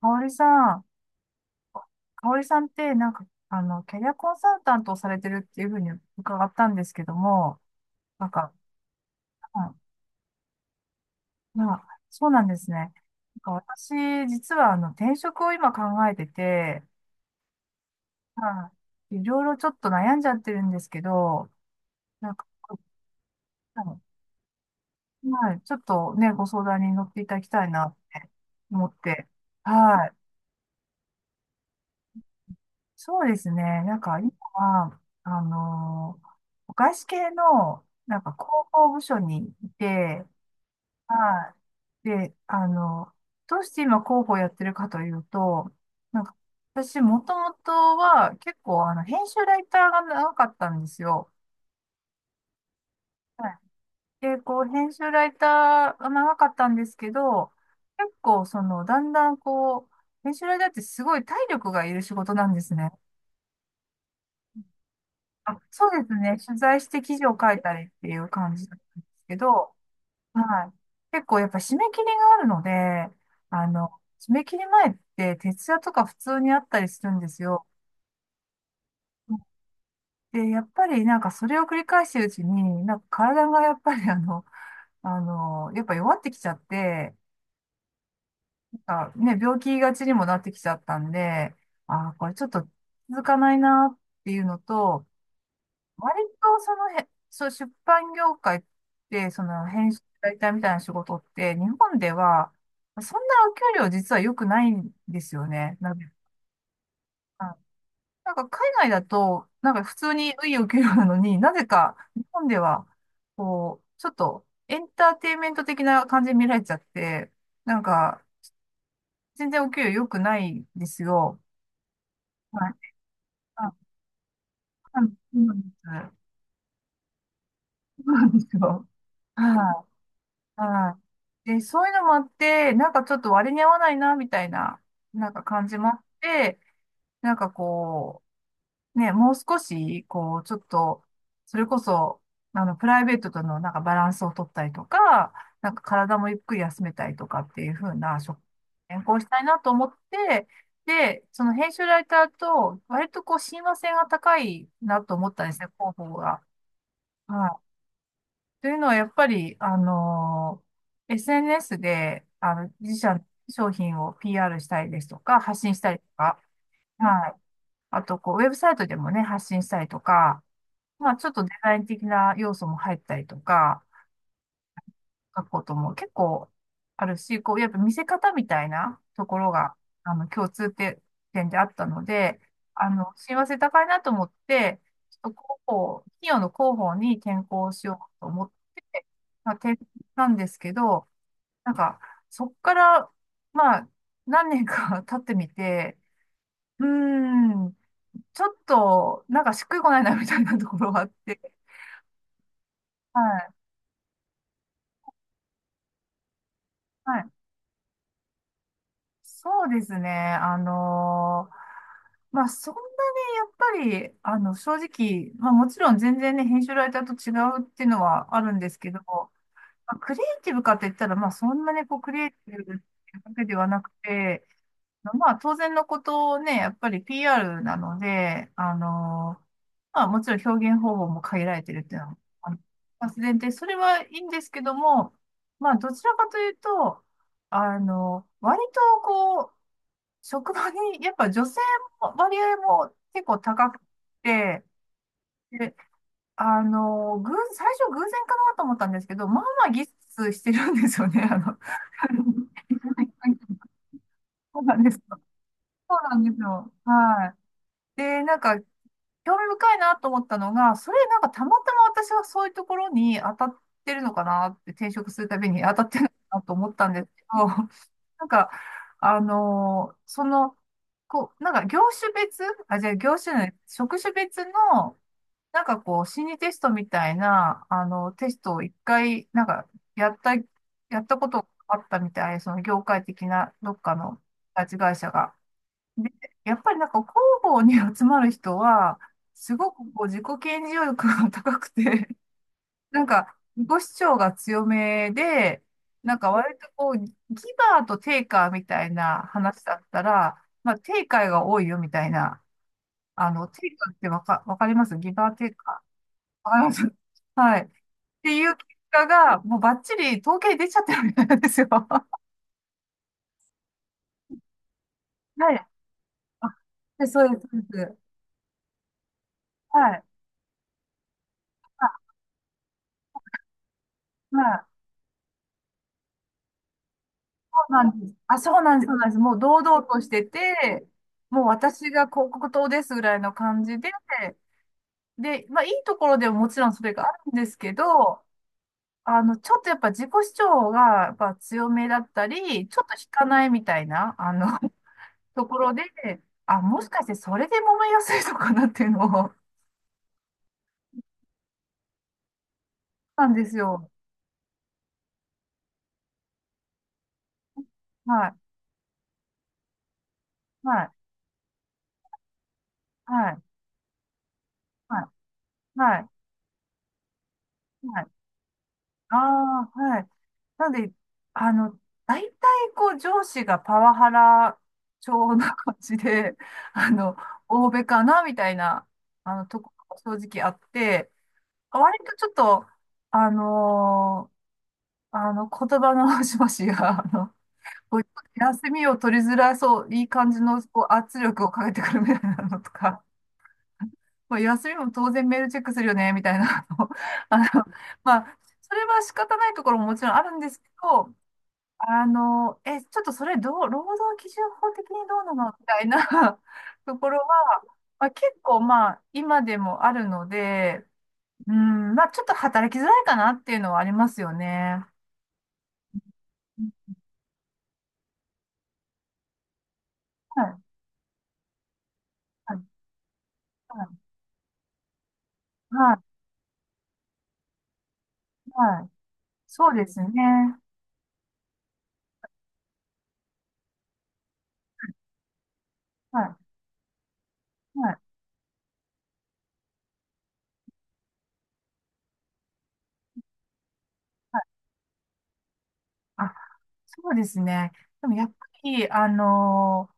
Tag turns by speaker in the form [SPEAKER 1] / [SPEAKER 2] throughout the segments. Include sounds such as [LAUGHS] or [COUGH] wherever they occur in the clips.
[SPEAKER 1] かおりさん、かおりさんってなんか、キャリアコンサルタントをされてるっていうふうに伺ったんですけども、なんか、うん、まあ、そうなんですね。なんか私、実は転職を今考えてて、まあ、いろいろちょっと悩んじゃってるんですけど、なんか、うん、はい、ちょっとね、ご相談に乗っていただきたいなって思って、はい。そうですね。なんか今は、外資系の、なんか広報部署にいて、はい。で、どうして今広報やってるかというと、なんか私もともとは結構編集ライターが長かったんですよ。はい。で、こう編集ライターが長かったんですけど、結構そのだんだんこう、編集ライターってすごい体力がいる仕事なんですね。あ、そうですね。取材して記事を書いたりっていう感じなんですけど、はい。結構やっぱ締め切りがあるので、あの、締め切り前って徹夜とか普通にあったりするんですよ。で、やっぱりなんかそれを繰り返してるうちに、なんか体がやっぱりやっぱ弱ってきちゃって、なんかね、病気がちにもなってきちゃったんで、ああ、これちょっと続かないなっていうのと、割とそのそう、出版業界って、その編集ライターみたいな仕事って、日本では、そんなお給料実は良くないんですよね。か、あなんか海外だと、なんか普通にいいお給料なのに、なぜか日本では、こう、ちょっとエンターテインメント的な感じに見られちゃって、なんか、全然お給料良くないんですよ。はい。あ、そうなんです。そうなんですよ。はい。はい。で、そういうのもあって、なんかちょっと割に合わないな、みたいな、なんか感じもあって、なんかこう、ね、もう少し、こう、ちょっと、それこそ、プライベートとのなんかバランスを取ったりとか、なんか体もゆっくり休めたりとかっていう風な職、変更したいなと思って、で、その編集ライターと、割とこう、親和性が高いなと思ったんですね、広報が。はい。というのは、やっぱり、SNS で、自社の商品を PR したりですとか、発信したりとか、はい。あと、こう、ウェブサイトでもね、発信したりとか、まあ、ちょっとデザイン的な要素も入ったりとか、学校とも結構あるし、こう、やっぱ見せ方みたいなところが、共通点であったので、親和性高いなと思って、ちょっと広報、企業の広報に転校しようと思って、まあ、転校したんですけど、なんか、そっから、まあ、何年か [LAUGHS] 経ってみて、うーん、ちょっと、なんかしっくりこないなみたいなところがあって、はい、はい。そうですね。まあ、そんなにやっぱり、正直、まあ、もちろん全然ね、編集ライターと違うっていうのはあるんですけど、まあ、クリエイティブかって言ったら、まあ、そんなにこう、クリエイティブっていうわけではなくて、まあ、当然のことをね、やっぱり PR なので、まあ、もちろん表現方法も限られてるっていうのは、あのまあ自然で、それはいいんですけども、まあ、どちらかというと、割とこう、職場に、やっぱ女性も割合も結構高くて、で、最初偶然かなと思ったんですけど、まあまあギスしてるんですよね、[LAUGHS] そうなんですよ。そうなんですよ。はい。で、なんか、興味深いなと思ったのが、それなんかたまたま私はそういうところに当たってるのかなって、転職するたびに当たってるのかなと思ったんですけど、[LAUGHS] なんか、あのーその、こう、なんか業種別、あ、じゃあ業種の、職種別の、なんかこう、心理テストみたいな、テストを一回、なんか、やったことがあったみたい、その業界的な、どっかの、会社が。で、やっぱりなんか広報に集まる人は、すごくこう自己顕示欲が [LAUGHS] 高くて、なんか自己主張が強めで、なんか割とこう、ギバーとテイカーみたいな話だったら、まあテイカーが多いよみたいな、テイカーってわかりますギバーテイカー。わかります、はい。っていう結果が、もうバッチリ統計に出ちゃってるみたいなんですよ。[LAUGHS] はい。まあで、そうです。そうです、はい。はい。そうなんです。あ、そうなんです。そうなんです。もう堂々としてて、もう私が広告塔ですぐらいの感じで、で、まあいいところでももちろんそれがあるんですけど、ちょっとやっぱ自己主張がやっぱ強めだったり、ちょっと引かないみたいな、[LAUGHS] ところで、あ、もしかしてそれで揉めやすいのかなっていうのを、そうなんですよ。はい、はい、はい、はい、はい。はい、ああ、はい。なんで、あの、大体こう上司がパワハラ調な感じで、[LAUGHS] あの、欧米かなみたいな、とこが正直あって、割とちょっと、あのー言葉の端々が、[LAUGHS] こう休みを取りづらそう、いい感じのこう圧力をかけてくるみたいなのとか、[LAUGHS] まあ、休みも当然メールチェックするよね、みたいなの、[LAUGHS] あの、まあ、それは仕方ないところももちろんあるんですけど、え、ちょっとそれどう、労働基準法的にどうなのみたいな [LAUGHS] ところは、まあ、結構まあ今でもあるので、うん、まあちょっと働きづらいかなっていうのはありますよね。はい、はい、はい、はい、はい、そうですね。はい、はい、あ、そうですね。でもやっぱり、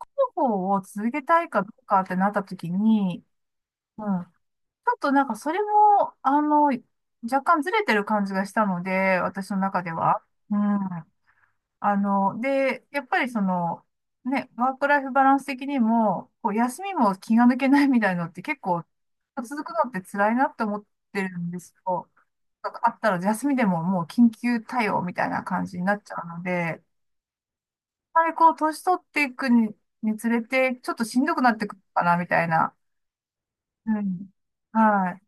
[SPEAKER 1] 広報を続けたいかどうかってなった時に、うん、ちょっとなんかそれも、若干ずれてる感じがしたので、私の中では。うん。で、やっぱりその、ね、ワークライフバランス的にも、こう休みも気が抜けないみたいのって結構続くのって辛いなって思ってるんですよ。なんかあったら休みでももう緊急対応みたいな感じになっちゃうので、やっぱりこう年取っていくに、につれて、ちょっとしんどくなってくるかな、みたいな。うん。はい。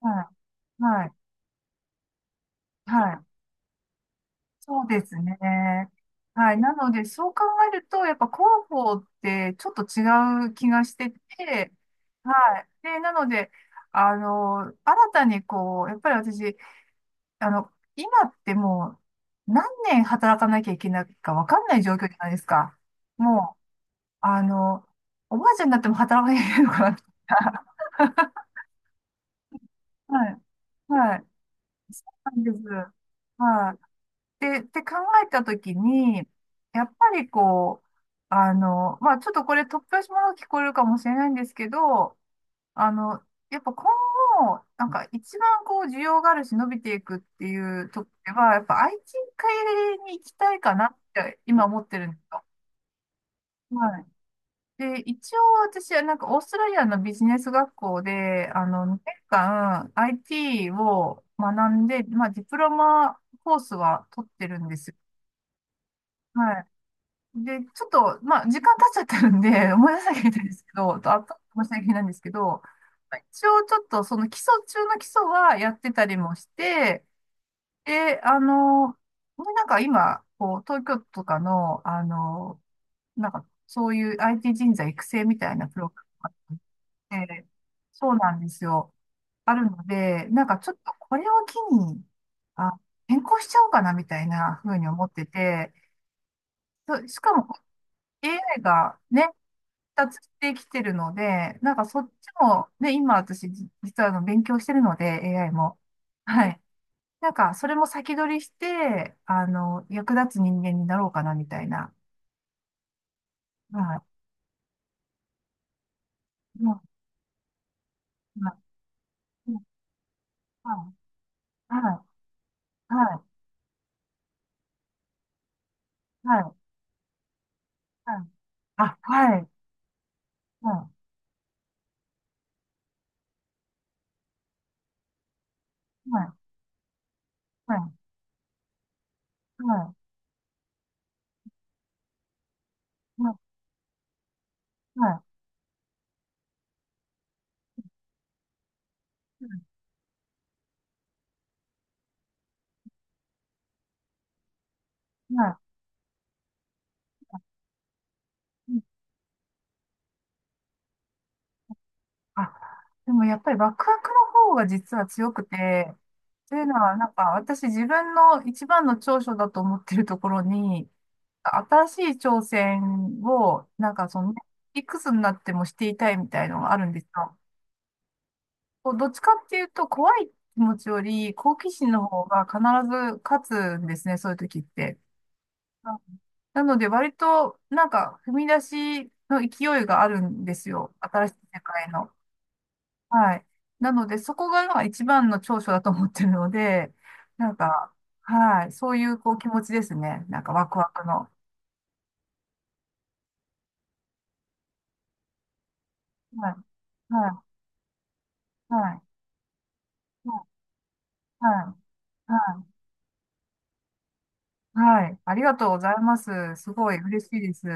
[SPEAKER 1] はい。はい。はい。そうですね。はい。なので、そう考えると、やっぱ広報ってちょっと違う気がしてて、はい。で、なので、新たにこう、やっぱり私、今ってもう何年働かなきゃいけないかわかんない状況じゃないですか。もう、あの、おばあちゃんになっても働かなきゃいけないのかな。[LAUGHS] はい。はい。なんです。はい。で、って考えたときに、やっぱりこう、まあちょっとこれ突拍子もの聞こえるかもしれないんですけど、あの、やっぱ今後、なんか一番こう需要があるし伸びていくっていうところでは、やっぱ IT 系に行きたいかなって今思ってるんですよ。はい。で、一応私はなんかオーストラリアのビジネス学校で、2年間 IT を学んで、まあディプロマコースは取ってるんですよ。で、ちょっと、まあ、時間経っちゃってるんで、[LAUGHS] 思い出さなきゃいけないんですけど、と、あと、申し訳ないんですけど、まあ一応ちょっと、その基礎中の基礎はやってたりもして、で、ね、なんか今、こう、東京都とかの、なんか、そういう IT 人材育成みたいなプログラムがあって、そうなんですよ。あるので、なんかちょっとこれを機に、あ、変更しちゃおうかなみたいなふうに思ってて、そう、しかも AI がね、達してきてるので、なんかそっちも、ね、今私、実は勉強してるので、AI も。はい。なんか、それも先取りして、役立つ人間になろうかな、みたいな。はい。うん、はい、うん、はい。はい。はい。はい。はい、あ、はい。はい。はい。はい。はい。はい。はい。はい。はい。はい。あ、でもやっぱりワクワクの方が実は強くて、というのは、なんか私自分の一番の長所だと思ってるところに、新しい挑戦を、なんかその、いくつになってもしていたいみたいのがあるんですよ。こうどっちかっていうと、怖い気持ちより好奇心の方が必ず勝つんですね、そういう時って。うん、なので、割と、なんか、踏み出しの勢いがあるんですよ。新しい世界の。はい。なので、そこが今一番の長所だと思ってるので、[LAUGHS] なんか、はい。そういうこう気持ちですね。なんかワクワクの。はい。はい。はい。はい。はい。はい。はい、ありがとうございます。すごい嬉しいです。